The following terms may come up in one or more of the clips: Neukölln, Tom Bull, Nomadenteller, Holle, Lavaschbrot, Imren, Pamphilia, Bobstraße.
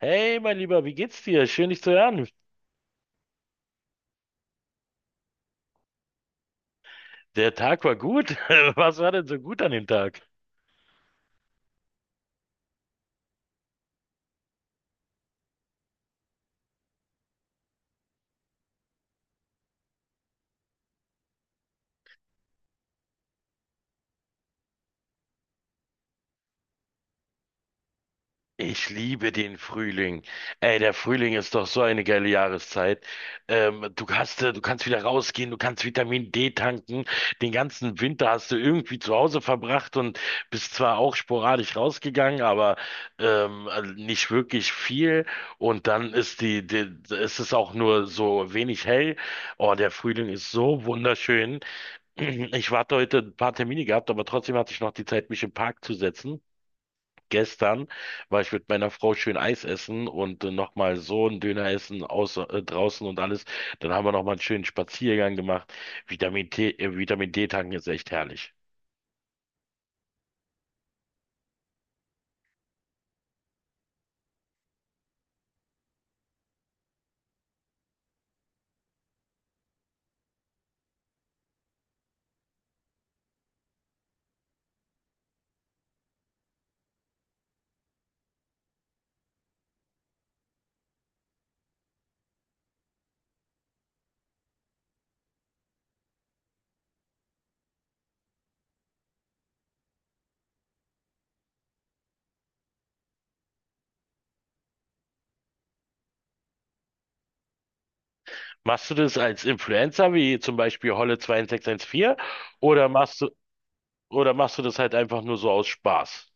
Hey, mein Lieber, wie geht's dir? Schön, dich zu hören. Der Tag war gut. Was war denn so gut an dem Tag? Ich liebe den Frühling. Ey, der Frühling ist doch so eine geile Jahreszeit. Du kannst wieder rausgehen, du kannst Vitamin D tanken. Den ganzen Winter hast du irgendwie zu Hause verbracht und bist zwar auch sporadisch rausgegangen, aber also nicht wirklich viel. Und dann ist ist es auch nur so wenig hell. Oh, der Frühling ist so wunderschön. Ich warte heute ein paar Termine gehabt, aber trotzdem hatte ich noch die Zeit, mich im Park zu setzen. Gestern war ich mit meiner Frau schön Eis essen und nochmal so einen Döner essen aus, draußen und alles. Dann haben wir nochmal einen schönen Spaziergang gemacht. Vitamin D tanken ist echt herrlich. Machst du das als Influencer, wie zum Beispiel Holle 2614, oder machst du, oder machst du das halt einfach nur so aus Spaß?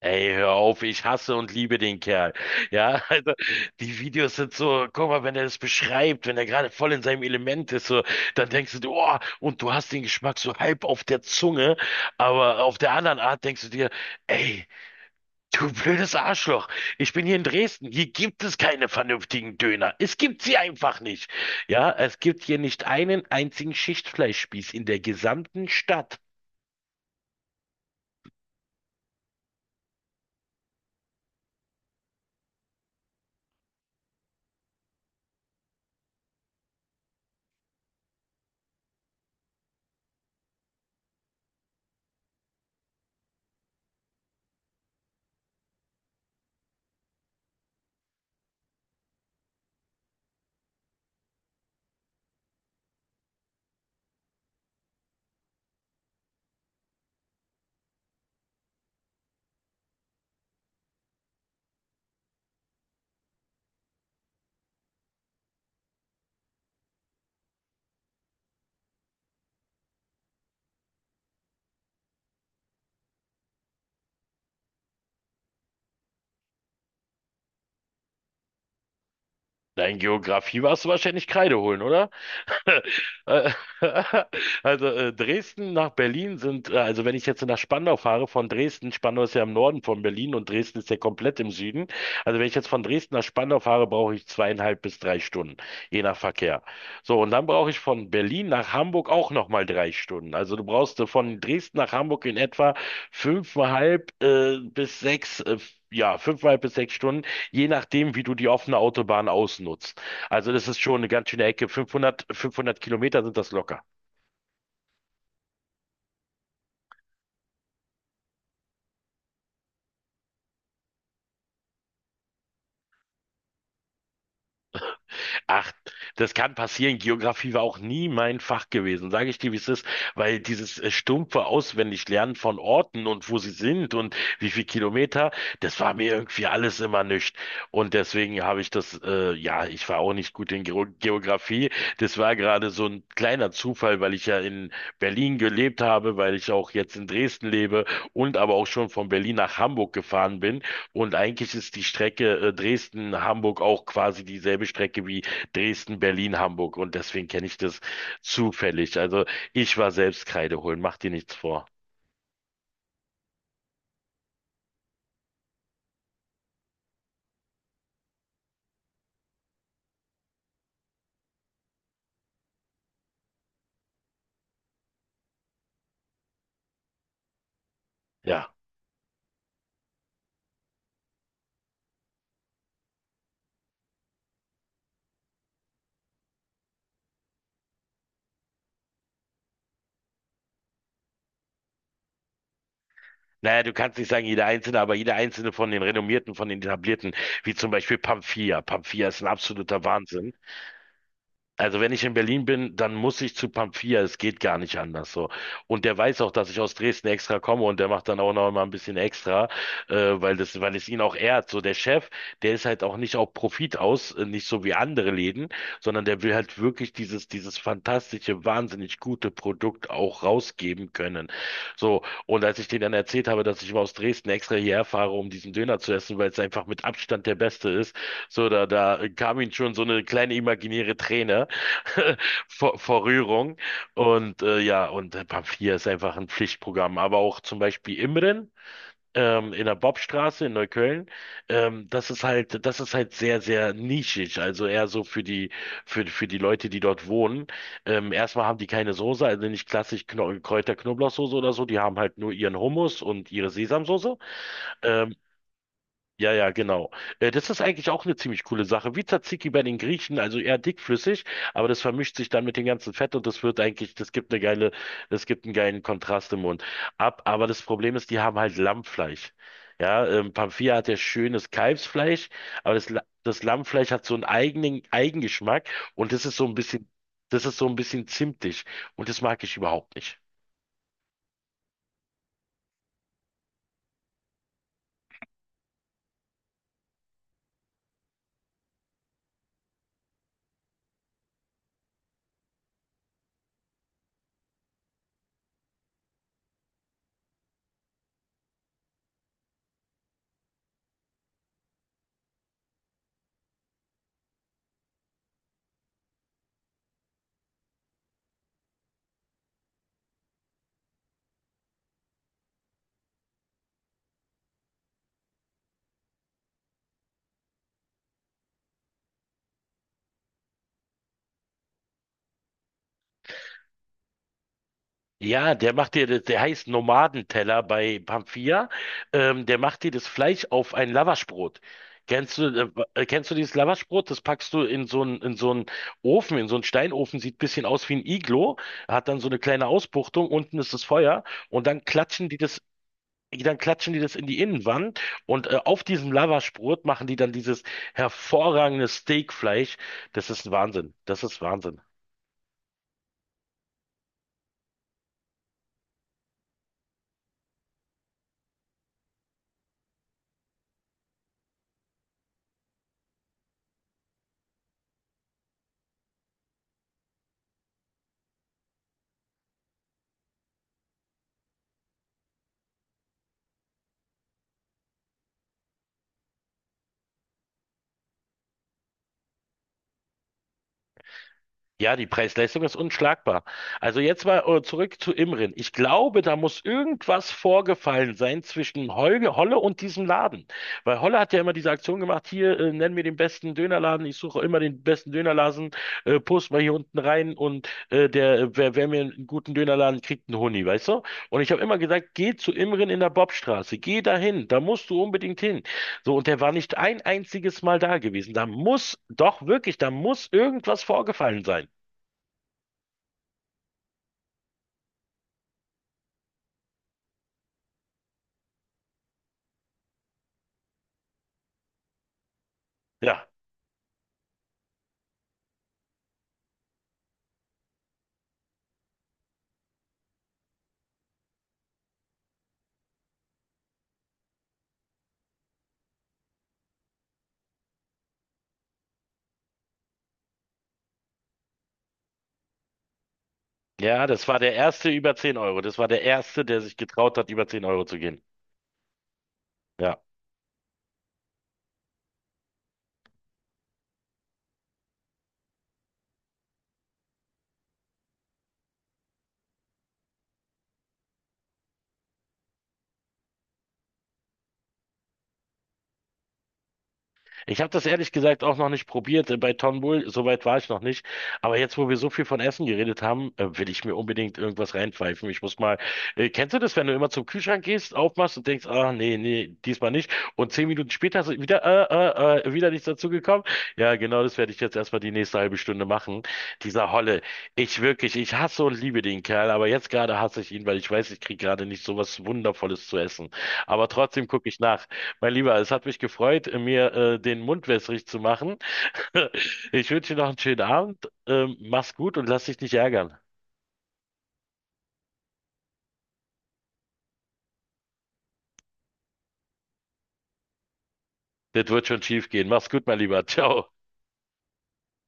Ey, hör auf, ich hasse und liebe den Kerl. Ja, also die Videos sind so, guck mal, wenn er das beschreibt, wenn er gerade voll in seinem Element ist, so, dann denkst du, oh, und du hast den Geschmack so halb auf der Zunge, aber auf der anderen Art denkst du dir, ey, du blödes Arschloch, ich bin hier in Dresden, hier gibt es keine vernünftigen Döner. Es gibt sie einfach nicht. Ja, es gibt hier nicht einen einzigen Schichtfleischspieß in der gesamten Stadt. Dein Geografie warst du wahrscheinlich Kreide holen, oder? Also Dresden nach Berlin also wenn ich jetzt nach Spandau fahre, von Dresden. Spandau ist ja im Norden von Berlin und Dresden ist ja komplett im Süden. Also wenn ich jetzt von Dresden nach Spandau fahre, brauche ich 2,5 bis 3 Stunden, je nach Verkehr. So, und dann brauche ich von Berlin nach Hamburg auch nochmal 3 Stunden. Also du brauchst von Dresden nach Hamburg in etwa fünfeinhalb äh, bis sechs, äh, ja, 5,5 bis 6 Stunden, je nachdem, wie du die offene Autobahn ausnutzt. Also das ist schon eine ganz schöne Ecke. 500, 500 Kilometer sind das locker. Ach, das kann passieren. Geografie war auch nie mein Fach gewesen, sage ich dir, wie es ist, weil dieses stumpfe Auswendiglernen von Orten und wo sie sind und wie viel Kilometer, das war mir irgendwie alles immer nichts. Und deswegen habe ich das, ich war auch nicht gut in Geografie. Das war gerade so ein kleiner Zufall, weil ich ja in Berlin gelebt habe, weil ich auch jetzt in Dresden lebe und aber auch schon von Berlin nach Hamburg gefahren bin. Und eigentlich ist die Strecke, Dresden-Hamburg auch quasi dieselbe Strecke wie Dresden, Berlin, Hamburg, und deswegen kenne ich das zufällig. Also ich war selbst Kreide holen, mach dir nichts vor. Ja. Naja, du kannst nicht sagen jeder einzelne, aber jeder einzelne von den renommierten, von den etablierten, wie zum Beispiel Pamphia. Pamphia ist ein absoluter Wahnsinn. Also wenn ich in Berlin bin, dann muss ich zu Pamphilia. Es geht gar nicht anders so. Und der weiß auch, dass ich aus Dresden extra komme und der macht dann auch noch mal ein bisschen extra, äh, weil es ihn auch ehrt. So der Chef, der ist halt auch nicht auf Profit aus, nicht so wie andere Läden, sondern der will halt wirklich dieses fantastische, wahnsinnig gute Produkt auch rausgeben können. So. Und als ich denen dann erzählt habe, dass ich immer aus Dresden extra hierher fahre, um diesen Döner zu essen, weil es einfach mit Abstand der beste ist, so da, da kam ihm schon so eine kleine imaginäre Träne. Vor Rührung. Und Pamphilia ist einfach ein Pflichtprogramm. Aber auch zum Beispiel Imren in der Bobstraße in Neukölln. Das ist halt sehr, sehr nischig. Also eher so für die Leute, die dort wohnen. Erstmal haben die keine Soße, also nicht klassisch Kno Kräuter-Knoblauchsoße oder so. Die haben halt nur ihren Hummus und ihre Sesamsoße. Ähm, ja, ja, genau. Das ist eigentlich auch eine ziemlich coole Sache. Wie Tzatziki bei den Griechen, also eher dickflüssig, aber das vermischt sich dann mit dem ganzen Fett und das gibt einen geilen Kontrast im Mund ab. Aber das Problem ist, die haben halt Lammfleisch. Ja, Pamphia hat ja schönes Kalbsfleisch, aber das Lammfleisch hat so einen eigenen Eigengeschmack und das ist so ein bisschen zimtig und das mag ich überhaupt nicht. Ja, der macht dir das, der heißt Nomadenteller bei Pamphia. Der macht dir das Fleisch auf ein Lavaschbrot. Kennst du, Kennst du dieses Lavaschbrot? Das packst du in so einen Ofen, in so einen Steinofen, sieht ein bisschen aus wie ein Iglo, hat dann so eine kleine Ausbuchtung, unten ist das Feuer und dann klatschen die das in die Innenwand und auf diesem Lavaschbrot machen die dann dieses hervorragende Steakfleisch. Das ist Wahnsinn. Das ist Wahnsinn. Ja, die Preis-Leistung ist unschlagbar. Also jetzt mal zurück zu Imrin. Ich glaube, da muss irgendwas vorgefallen sein zwischen Holle und diesem Laden. Weil Holle hat ja immer diese Aktion gemacht, hier, nenn mir den besten Dönerladen, ich suche immer den besten Dönerladen, post mal hier unten rein und der, wer, wer mir einen guten Dönerladen kriegt, einen Huni, weißt du? Und ich habe immer gesagt, geh zu Imrin in der Bobstraße, geh dahin, da musst du unbedingt hin. So, und der war nicht ein einziges Mal da gewesen. Da muss, doch wirklich, da muss irgendwas vorgefallen sein. Ja, ja, das war der erste über 10 Euro. Das war der erste, der sich getraut hat, über 10 Euro zu gehen. Ja. Ich habe das ehrlich gesagt auch noch nicht probiert bei Tom Bull, soweit war ich noch nicht. Aber jetzt, wo wir so viel von Essen geredet haben, will ich mir unbedingt irgendwas reinpfeifen. Kennst du das, wenn du immer zum Kühlschrank gehst, aufmachst und denkst, ah nee, nee, diesmal nicht. Und 10 Minuten später ist wieder nichts dazu gekommen. Ja, genau, das werde ich jetzt erstmal die nächste halbe Stunde machen. Dieser Holle, ich hasse und liebe den Kerl, aber jetzt gerade hasse ich ihn, weil ich weiß, ich kriege gerade nicht so was Wundervolles zu essen. Aber trotzdem gucke ich nach. Mein Lieber, es hat mich gefreut, mir den Mund wässrig zu machen. Ich wünsche dir noch einen schönen Abend. Mach's gut und lass dich nicht ärgern. Das wird schon schief gehen. Mach's gut, mein Lieber. Ciao.